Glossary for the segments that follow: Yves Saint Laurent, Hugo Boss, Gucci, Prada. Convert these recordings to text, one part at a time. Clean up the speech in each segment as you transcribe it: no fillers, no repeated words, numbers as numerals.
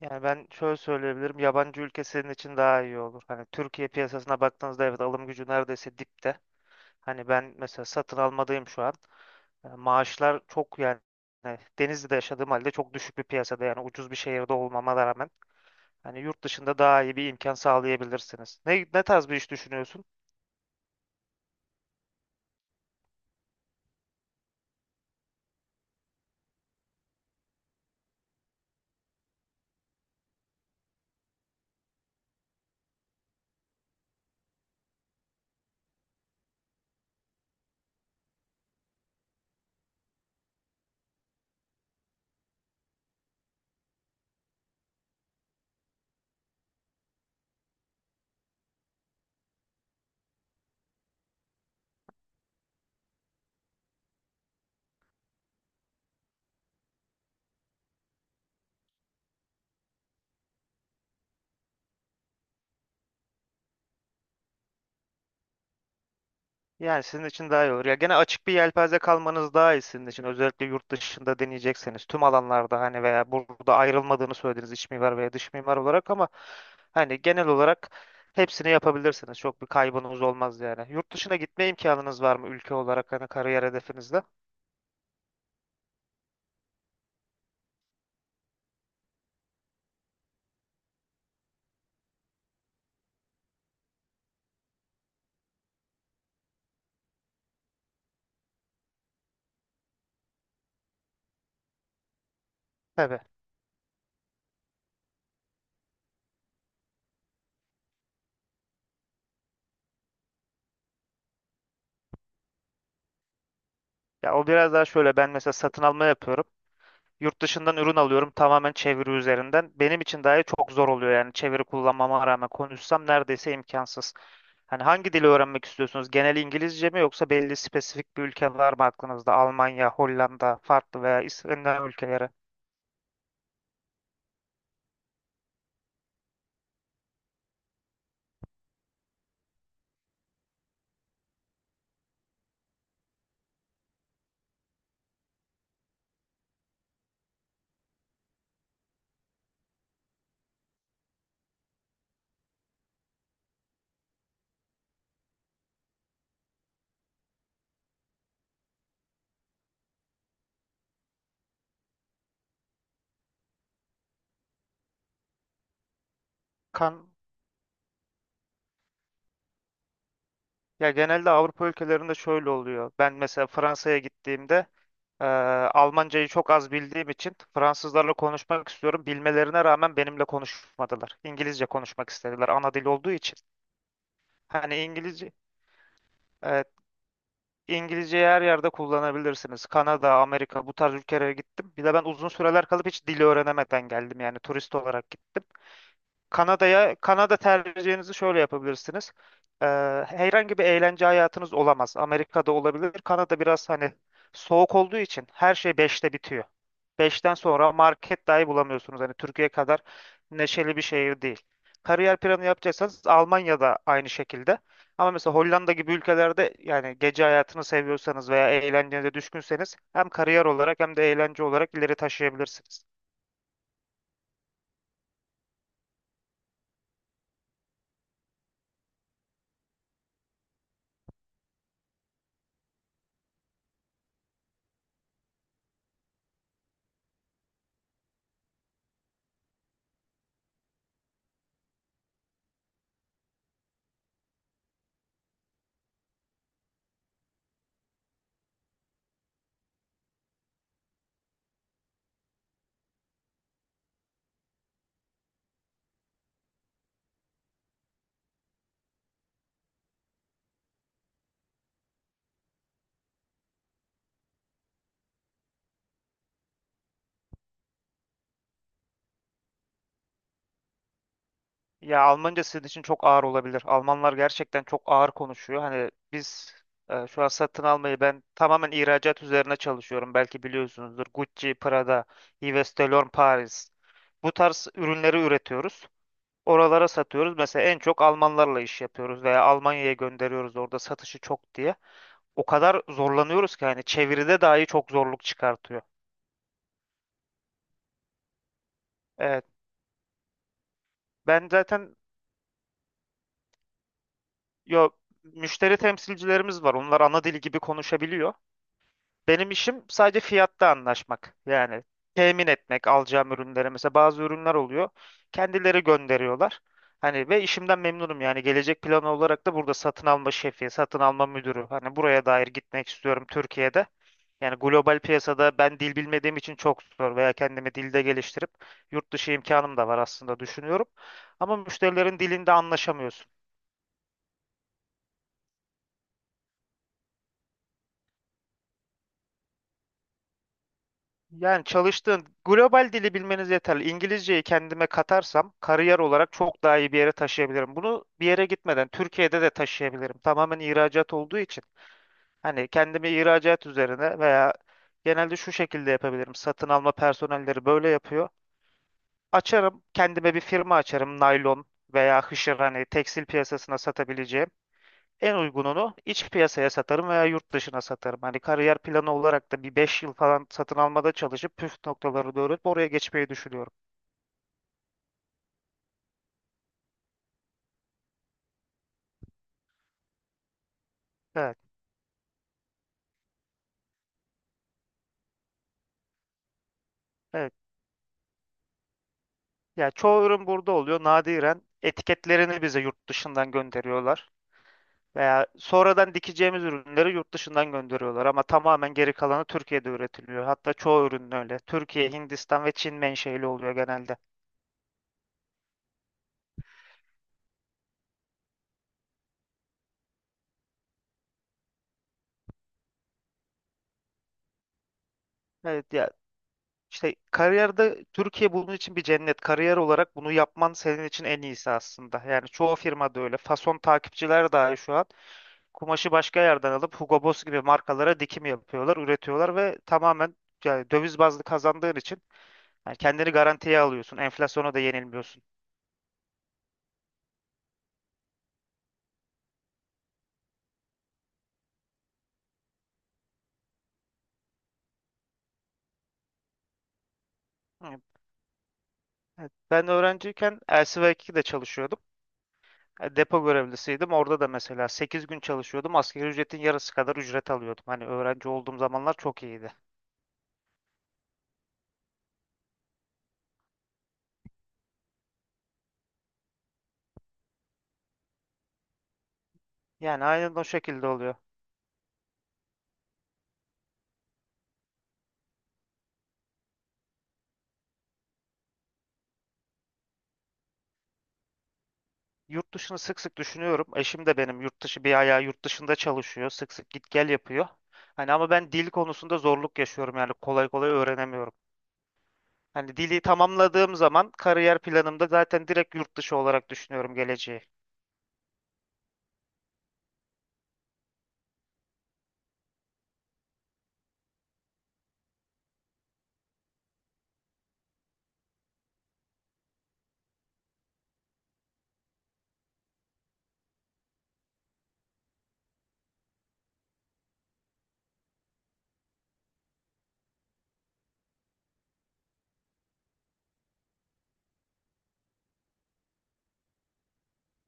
Yani ben şöyle söyleyebilirim. Yabancı ülke senin için daha iyi olur. Hani Türkiye piyasasına baktığınızda evet alım gücü neredeyse dipte. Hani ben mesela satın almadayım şu an. Maaşlar çok yani Denizli'de yaşadığım halde çok düşük bir piyasada yani ucuz bir şehirde olmama rağmen hani yurt dışında daha iyi bir imkan sağlayabilirsiniz. Ne tarz bir iş düşünüyorsun? Yani sizin için daha iyi olur. Ya gene açık bir yelpaze kalmanız daha iyi sizin için. Özellikle yurt dışında deneyecekseniz tüm alanlarda hani veya burada ayrılmadığını söylediniz iç mimar veya dış mimar olarak ama hani genel olarak hepsini yapabilirsiniz. Çok bir kaybınız olmaz yani. Yurt dışına gitme imkanınız var mı ülke olarak hani kariyer hedefinizde? Tabii. Ya o biraz daha şöyle ben mesela satın alma yapıyorum. Yurt dışından ürün alıyorum tamamen çeviri üzerinden. Benim için dahi çok zor oluyor yani çeviri kullanmama rağmen konuşsam neredeyse imkansız. Hani hangi dili öğrenmek istiyorsunuz? Genel İngilizce mi yoksa belli spesifik bir ülke var mı aklınızda? Almanya, Hollanda, farklı veya İskandinav ülkeleri. Kan ya genelde Avrupa ülkelerinde şöyle oluyor. Ben mesela Fransa'ya gittiğimde eee, Almancayı çok az bildiğim için Fransızlarla konuşmak istiyorum. Bilmelerine rağmen benimle konuşmadılar. İngilizce konuşmak istediler ana dil olduğu için. Hani İngilizce Evet, İngilizceyi her yerde kullanabilirsiniz. Kanada, Amerika bu tarz ülkelere gittim. Bir de ben uzun süreler kalıp hiç dili öğrenemeden geldim yani turist olarak gittim. Kanada'ya, Kanada tercihinizi şöyle yapabilirsiniz. Ee, herhangi bir eğlence hayatınız olamaz. Amerika'da olabilir. Kanada biraz hani soğuk olduğu için her şey 5'te bitiyor. 5'ten sonra market dahi bulamıyorsunuz. Hani Türkiye kadar neşeli bir şehir değil. Kariyer planı yapacaksanız Almanya'da aynı şekilde. Ama mesela Hollanda gibi ülkelerde yani gece hayatını seviyorsanız veya eğlencenize düşkünseniz hem kariyer olarak hem de eğlence olarak ileri taşıyabilirsiniz. Ya Almanca sizin için çok ağır olabilir. Almanlar gerçekten çok ağır konuşuyor. Hani biz şu an satın almayı ben tamamen ihracat üzerine çalışıyorum. Belki biliyorsunuzdur. Gucci, Prada, Yves Saint Laurent Paris. Bu tarz ürünleri üretiyoruz. Oralara satıyoruz. Mesela en çok Almanlarla iş yapıyoruz veya Almanya'ya gönderiyoruz orada satışı çok diye. O kadar zorlanıyoruz ki hani çeviride dahi çok zorluk çıkartıyor. Evet. Ben zaten yo müşteri temsilcilerimiz var. Onlar ana dili gibi konuşabiliyor. Benim işim sadece fiyatta anlaşmak. Yani temin etmek alacağım ürünleri. Mesela bazı ürünler oluyor. Kendileri gönderiyorlar. Hani ve işimden memnunum yani gelecek planı olarak da burada satın alma şefi, satın alma müdürü. Hani buraya dair gitmek istiyorum Türkiye'de. Yani global piyasada ben dil bilmediğim için çok zor veya kendimi dilde geliştirip yurt dışı imkanım da var aslında düşünüyorum. Ama müşterilerin dilinde anlaşamıyorsun. Yani çalıştığın global dili bilmeniz yeterli. İngilizceyi kendime katarsam kariyer olarak çok daha iyi bir yere taşıyabilirim. Bunu bir yere gitmeden Türkiye'de de taşıyabilirim. Tamamen ihracat olduğu için. Hani kendimi ihracat üzerine veya genelde şu şekilde yapabilirim. Satın alma personelleri böyle yapıyor. Açarım, kendime bir firma açarım. Naylon veya hışır hani tekstil piyasasına satabileceğim. En uygununu iç piyasaya satarım veya yurt dışına satarım. Hani kariyer planı olarak da bir 5 yıl falan satın almada çalışıp püf noktaları doğru, öğrenip oraya geçmeyi düşünüyorum. Evet, evet. Ya çoğu ürün burada oluyor. Nadiren etiketlerini bize yurt dışından gönderiyorlar. Veya sonradan dikeceğimiz ürünleri yurt dışından gönderiyorlar ama tamamen geri kalanı Türkiye'de üretiliyor. Hatta çoğu ürün öyle. Türkiye, Hindistan ve Çin menşeli oluyor genelde. Evet ya İşte kariyerde Türkiye bunun için bir cennet. Kariyer olarak bunu yapman senin için en iyisi aslında. Yani çoğu firmada öyle. Fason takipçiler dahi şu an kumaşı başka yerden alıp Hugo Boss gibi markalara dikim yapıyorlar, üretiyorlar ve tamamen yani döviz bazlı kazandığın için yani kendini garantiye alıyorsun. Enflasyona da yenilmiyorsun. Evet. Ben öğrenciyken LCV2'de çalışıyordum. Depo görevlisiydim. Orada da mesela 8 gün çalışıyordum. Asgari ücretin yarısı kadar ücret alıyordum. Hani öğrenci olduğum zamanlar çok iyiydi. Yani aynen o şekilde oluyor. Yurt dışını sık sık düşünüyorum. Eşim de benim yurt dışı bir ayağı yurt dışında çalışıyor. Sık sık git gel yapıyor. Hani ama ben dil konusunda zorluk yaşıyorum yani kolay kolay öğrenemiyorum. Hani dili tamamladığım zaman kariyer planımda zaten direkt yurt dışı olarak düşünüyorum geleceği.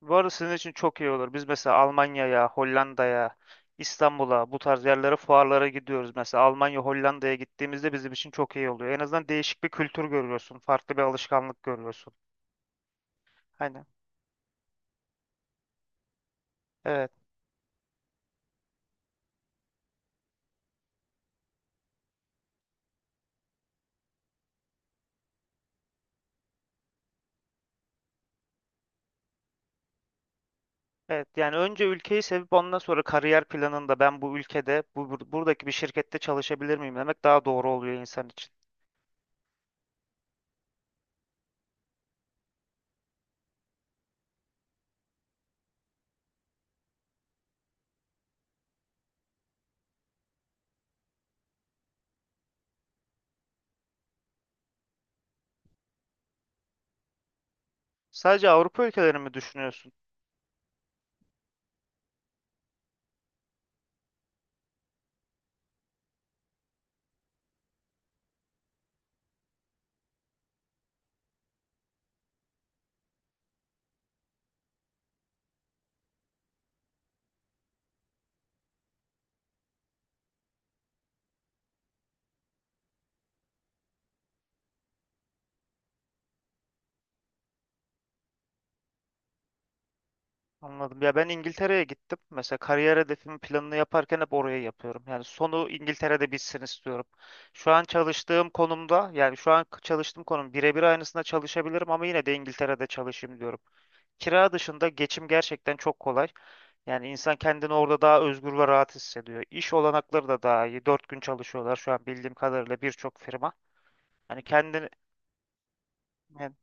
Bu arada sizin için çok iyi olur. Biz mesela Almanya'ya, Hollanda'ya, İstanbul'a bu tarz yerlere fuarlara gidiyoruz. Mesela Almanya, Hollanda'ya gittiğimizde bizim için çok iyi oluyor. En azından değişik bir kültür görüyorsun, farklı bir alışkanlık görüyorsun. Hani. Evet. Evet yani önce ülkeyi sevip ondan sonra kariyer planında ben bu ülkede bu buradaki bir şirkette çalışabilir miyim demek daha doğru oluyor insan için. Sadece Avrupa ülkelerini mi düşünüyorsun? Anladım. Ya ben İngiltere'ye gittim. Mesela kariyer hedefimin planını yaparken hep oraya yapıyorum. Yani sonu İngiltere'de bitsin istiyorum. Şu an çalıştığım konumda yani şu an çalıştığım konum birebir aynısında çalışabilirim ama yine de İngiltere'de çalışayım diyorum. Kira dışında geçim gerçekten çok kolay. Yani insan kendini orada daha özgür ve rahat hissediyor. İş olanakları da daha iyi. 4 gün çalışıyorlar şu an bildiğim kadarıyla birçok firma. Hani kendini yani,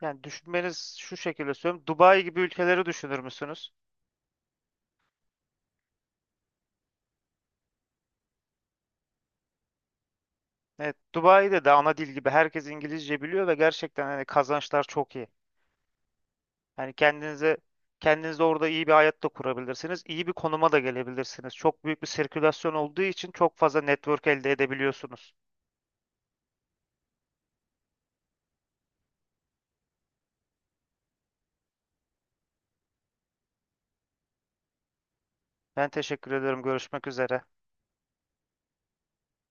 yani düşünmeniz şu şekilde söylüyorum. Dubai gibi ülkeleri düşünür müsünüz? Evet, Dubai'de de ana dil gibi herkes İngilizce biliyor ve gerçekten hani kazançlar çok iyi. Yani kendinize orada iyi bir hayat da kurabilirsiniz. İyi bir konuma da gelebilirsiniz. Çok büyük bir sirkülasyon olduğu için çok fazla network elde edebiliyorsunuz. Ben teşekkür ederim. Görüşmek üzere.